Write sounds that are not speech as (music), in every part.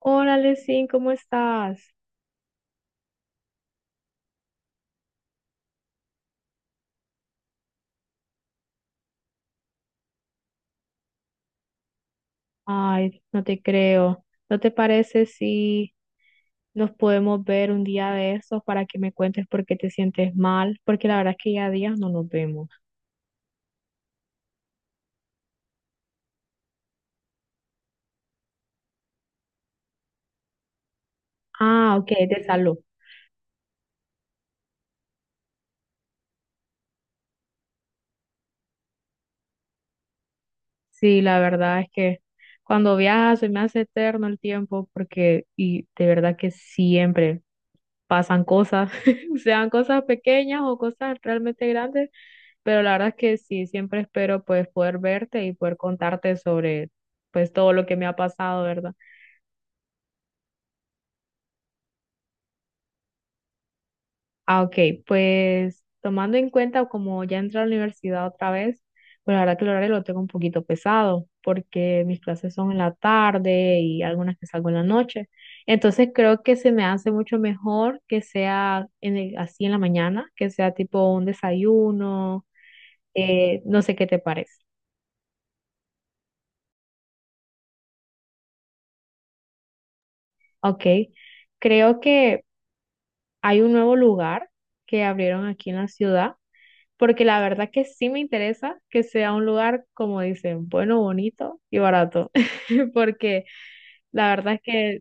Hola, Lesin, ¿cómo estás? Ay, no te creo. ¿No te parece si nos podemos ver un día de esos para que me cuentes por qué te sientes mal? Porque la verdad es que ya días no nos vemos. Ah, ok, es de salud. Sí, la verdad es que cuando viajas se me hace eterno el tiempo porque, y de verdad que siempre pasan cosas, (laughs) sean cosas pequeñas o cosas realmente grandes. Pero la verdad es que sí, siempre espero pues poder verte y poder contarte sobre pues todo lo que me ha pasado, ¿verdad? Ah, ok, pues tomando en cuenta como ya entré a la universidad otra vez, pues la verdad que el horario lo tengo un poquito pesado porque mis clases son en la tarde y algunas que salgo en la noche. Entonces creo que se me hace mucho mejor que sea así en la mañana, que sea tipo un desayuno. No sé qué te parece. Ok, creo que hay un nuevo lugar que abrieron aquí en la ciudad, porque la verdad que sí me interesa que sea un lugar, como dicen, bueno, bonito y barato, (laughs) porque la verdad es que,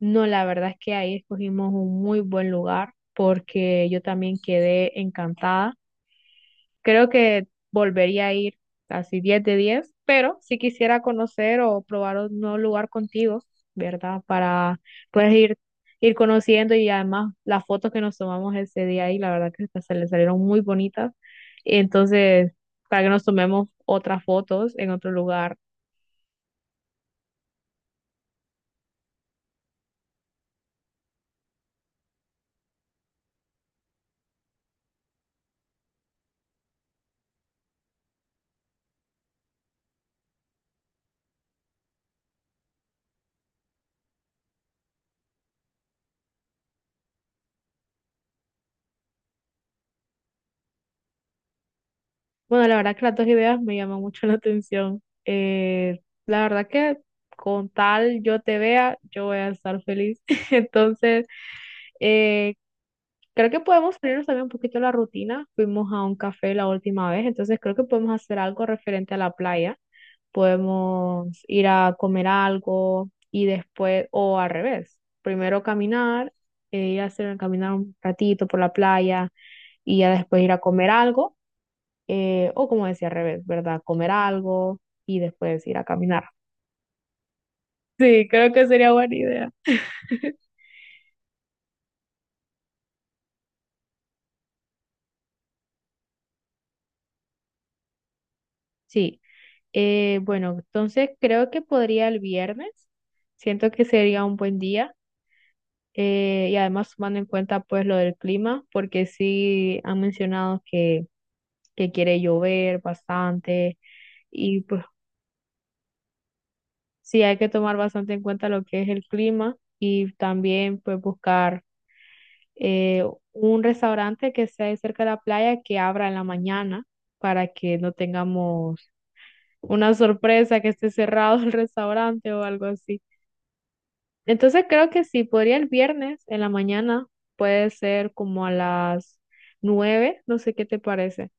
no, la verdad es que ahí escogimos un muy buen lugar, porque yo también quedé encantada. Creo que volvería a ir así 10 de 10, pero si quisiera conocer o probar un nuevo lugar contigo, ¿verdad? Para pues ir conociendo. Y además las fotos que nos tomamos ese día ahí, la verdad que se le salieron muy bonitas. Y entonces, para que nos tomemos otras fotos en otro lugar. Bueno, la verdad que las dos ideas me llaman mucho (laughs) la atención. La verdad que con tal yo te vea, yo voy a estar feliz. (laughs) Entonces. Eh, Creo que podemos salirnos también un poquito de la rutina. Fuimos a un café la última vez, entonces creo que podemos hacer algo referente a la playa. Podemos ir a comer algo y después, o al revés, primero caminar, ir a hacer, caminar un ratito por la playa y ya después ir a comer algo, o como decía al revés, ¿verdad? Comer algo y después ir a caminar. Sí, creo que sería buena idea. Sí. Bueno, entonces creo que podría el viernes. Siento que sería un buen día. Y además tomando en cuenta pues lo del clima, porque sí han mencionado que quiere llover bastante. Y pues sí hay que tomar bastante en cuenta lo que es el clima y también pues buscar eh, un restaurante que esté cerca de la playa que abra en la mañana para que no tengamos una sorpresa que esté cerrado (laughs) el restaurante o algo así. Entonces creo que sí, podría el viernes en la mañana, puede ser como a las 9. No sé qué te parece.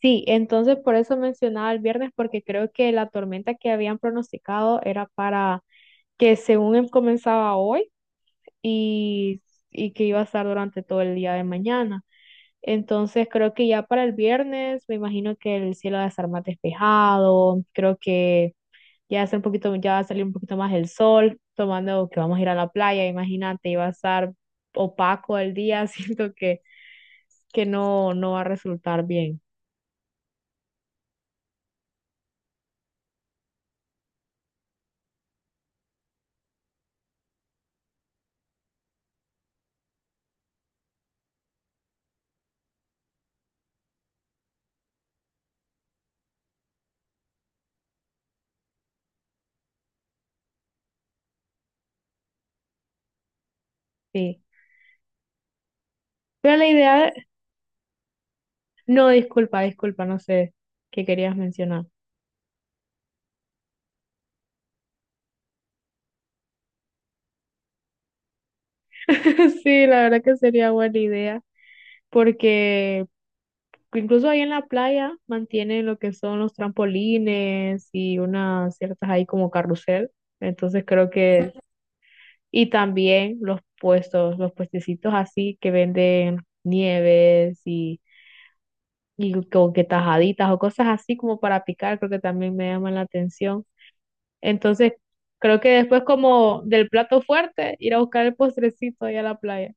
Sí, entonces por eso mencionaba el viernes, porque creo que la tormenta que habían pronosticado era para que según comenzaba hoy y, y que iba a estar durante todo el día de mañana. Entonces creo que ya para el viernes me imagino que el cielo va a estar más despejado, creo que ya va un poquito, ya va a salir un poquito más el sol. Tomando que vamos a ir a la playa, imagínate, iba a estar opaco el día, (laughs) siento que no, no va a resultar bien. Sí. Pero la idea, no, disculpa, disculpa, no sé qué querías mencionar. (laughs) Sí, la verdad que sería buena idea, porque incluso ahí en la playa mantienen lo que son los trampolines y unas ciertas ahí como carrusel, entonces creo que. Y también los puestos, los puestecitos así que venden nieves y como que tajaditas o cosas así como para picar, creo que también me llaman la atención. Entonces, creo que después como del plato fuerte, ir a buscar el postrecito ahí a la playa.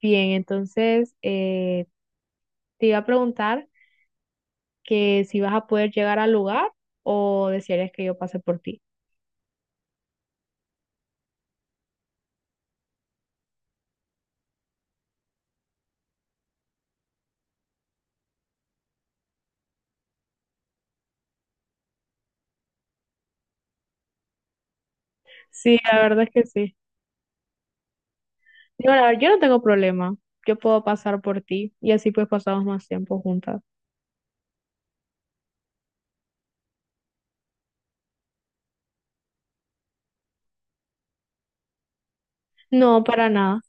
Bien, entonces te iba a preguntar que si vas a poder llegar al lugar o desearías que yo pase por ti. Sí, la verdad es que sí. Digo, la verdad, yo no tengo problema. Yo puedo pasar por ti y así pues pasamos más tiempo juntas. No, para nada.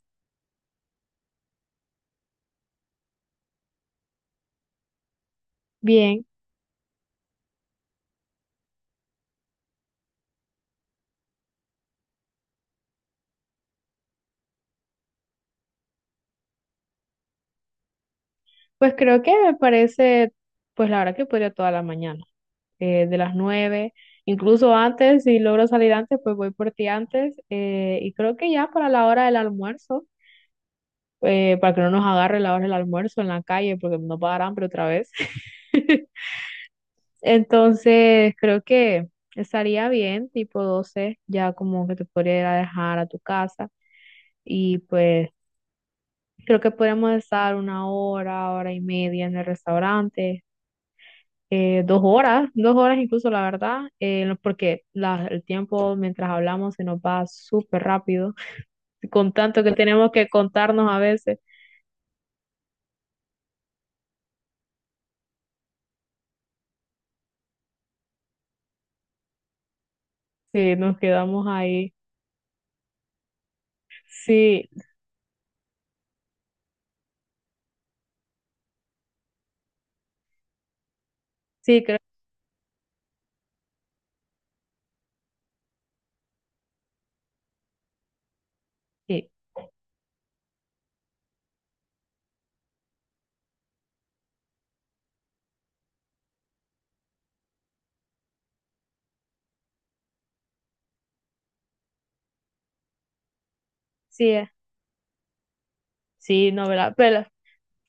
Bien. Pues creo que me parece, pues la verdad que podría toda la mañana, de las 9, incluso antes, si logro salir antes, pues voy por ti antes. Y creo que ya para la hora del almuerzo, para que no nos agarre la hora del almuerzo en la calle, porque nos va a dar hambre otra vez. (laughs) Entonces, creo que estaría bien, tipo 12 ya como que te podría ir a dejar a tu casa. Y pues creo que podríamos estar una hora, hora y media en el restaurante, 2 horas, 2 horas incluso, la verdad, porque el tiempo mientras hablamos se nos va súper rápido, con tanto que tenemos que contarnos a veces, sí, nos quedamos ahí. Sí, sí, creo que sí, sí, sí, no, ¿verdad? Pero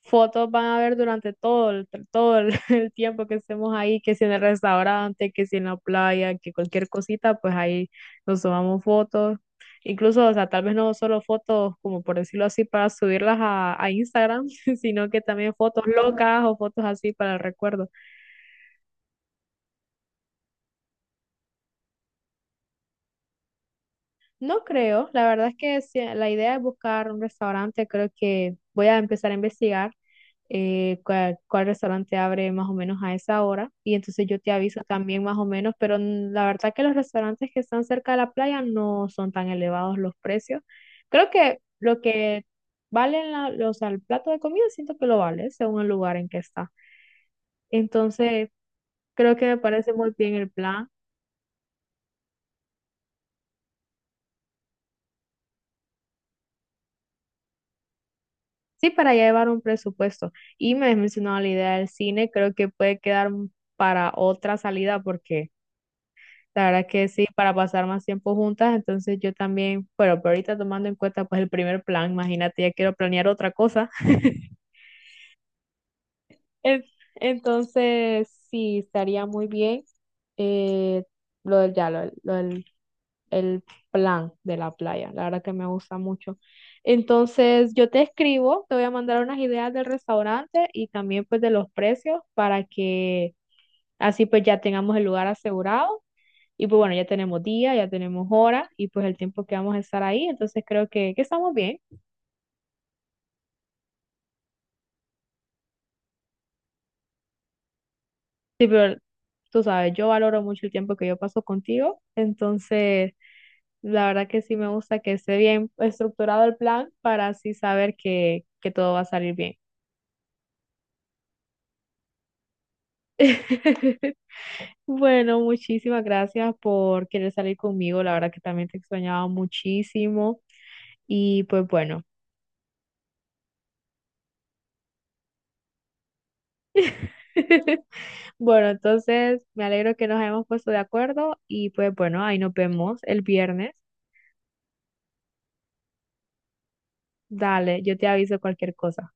fotos van a ver durante todo (laughs) el tiempo que estemos ahí, que si en el restaurante, que si en la playa, que cualquier cosita, pues ahí nos tomamos fotos. Incluso, o sea, tal vez no solo fotos, como por decirlo así, para subirlas a Instagram, (laughs) sino que también fotos locas o fotos así para el recuerdo. No creo, la verdad es que sí, la idea es buscar un restaurante, creo que voy a empezar a investigar cuál restaurante abre más o menos a esa hora, y entonces yo te aviso también más o menos, pero la verdad que los restaurantes que están cerca de la playa no son tan elevados los precios. Creo que lo que valen al plato de comida siento que lo vale según el lugar en que está. Entonces, creo que me parece muy bien el plan. Sí, para ya llevar un presupuesto. Y me has mencionado la idea del cine, creo que puede quedar para otra salida porque la verdad que sí, para pasar más tiempo juntas, entonces yo también, pero ahorita tomando en cuenta pues el primer plan, imagínate, ya quiero planear otra cosa. (laughs) En- Entonces, sí, estaría muy bien eh, lo del, ya, lo del el plan de la playa, la verdad que me gusta mucho. Entonces, yo te escribo, te voy a mandar unas ideas del restaurante y también pues de los precios para que así pues ya tengamos el lugar asegurado. Y pues bueno, ya tenemos día, ya tenemos hora y pues el tiempo que vamos a estar ahí, entonces creo que estamos bien. Sí, pero tú sabes, yo valoro mucho el tiempo que yo paso contigo, entonces la verdad que sí me gusta que esté bien estructurado el plan para así saber que todo va a salir bien. (laughs) Bueno, muchísimas gracias por querer salir conmigo, la verdad que también te extrañaba muchísimo y pues bueno. (laughs) Bueno, entonces me alegro que nos hayamos puesto de acuerdo y pues bueno, ahí nos vemos el viernes. Dale, yo te aviso cualquier cosa.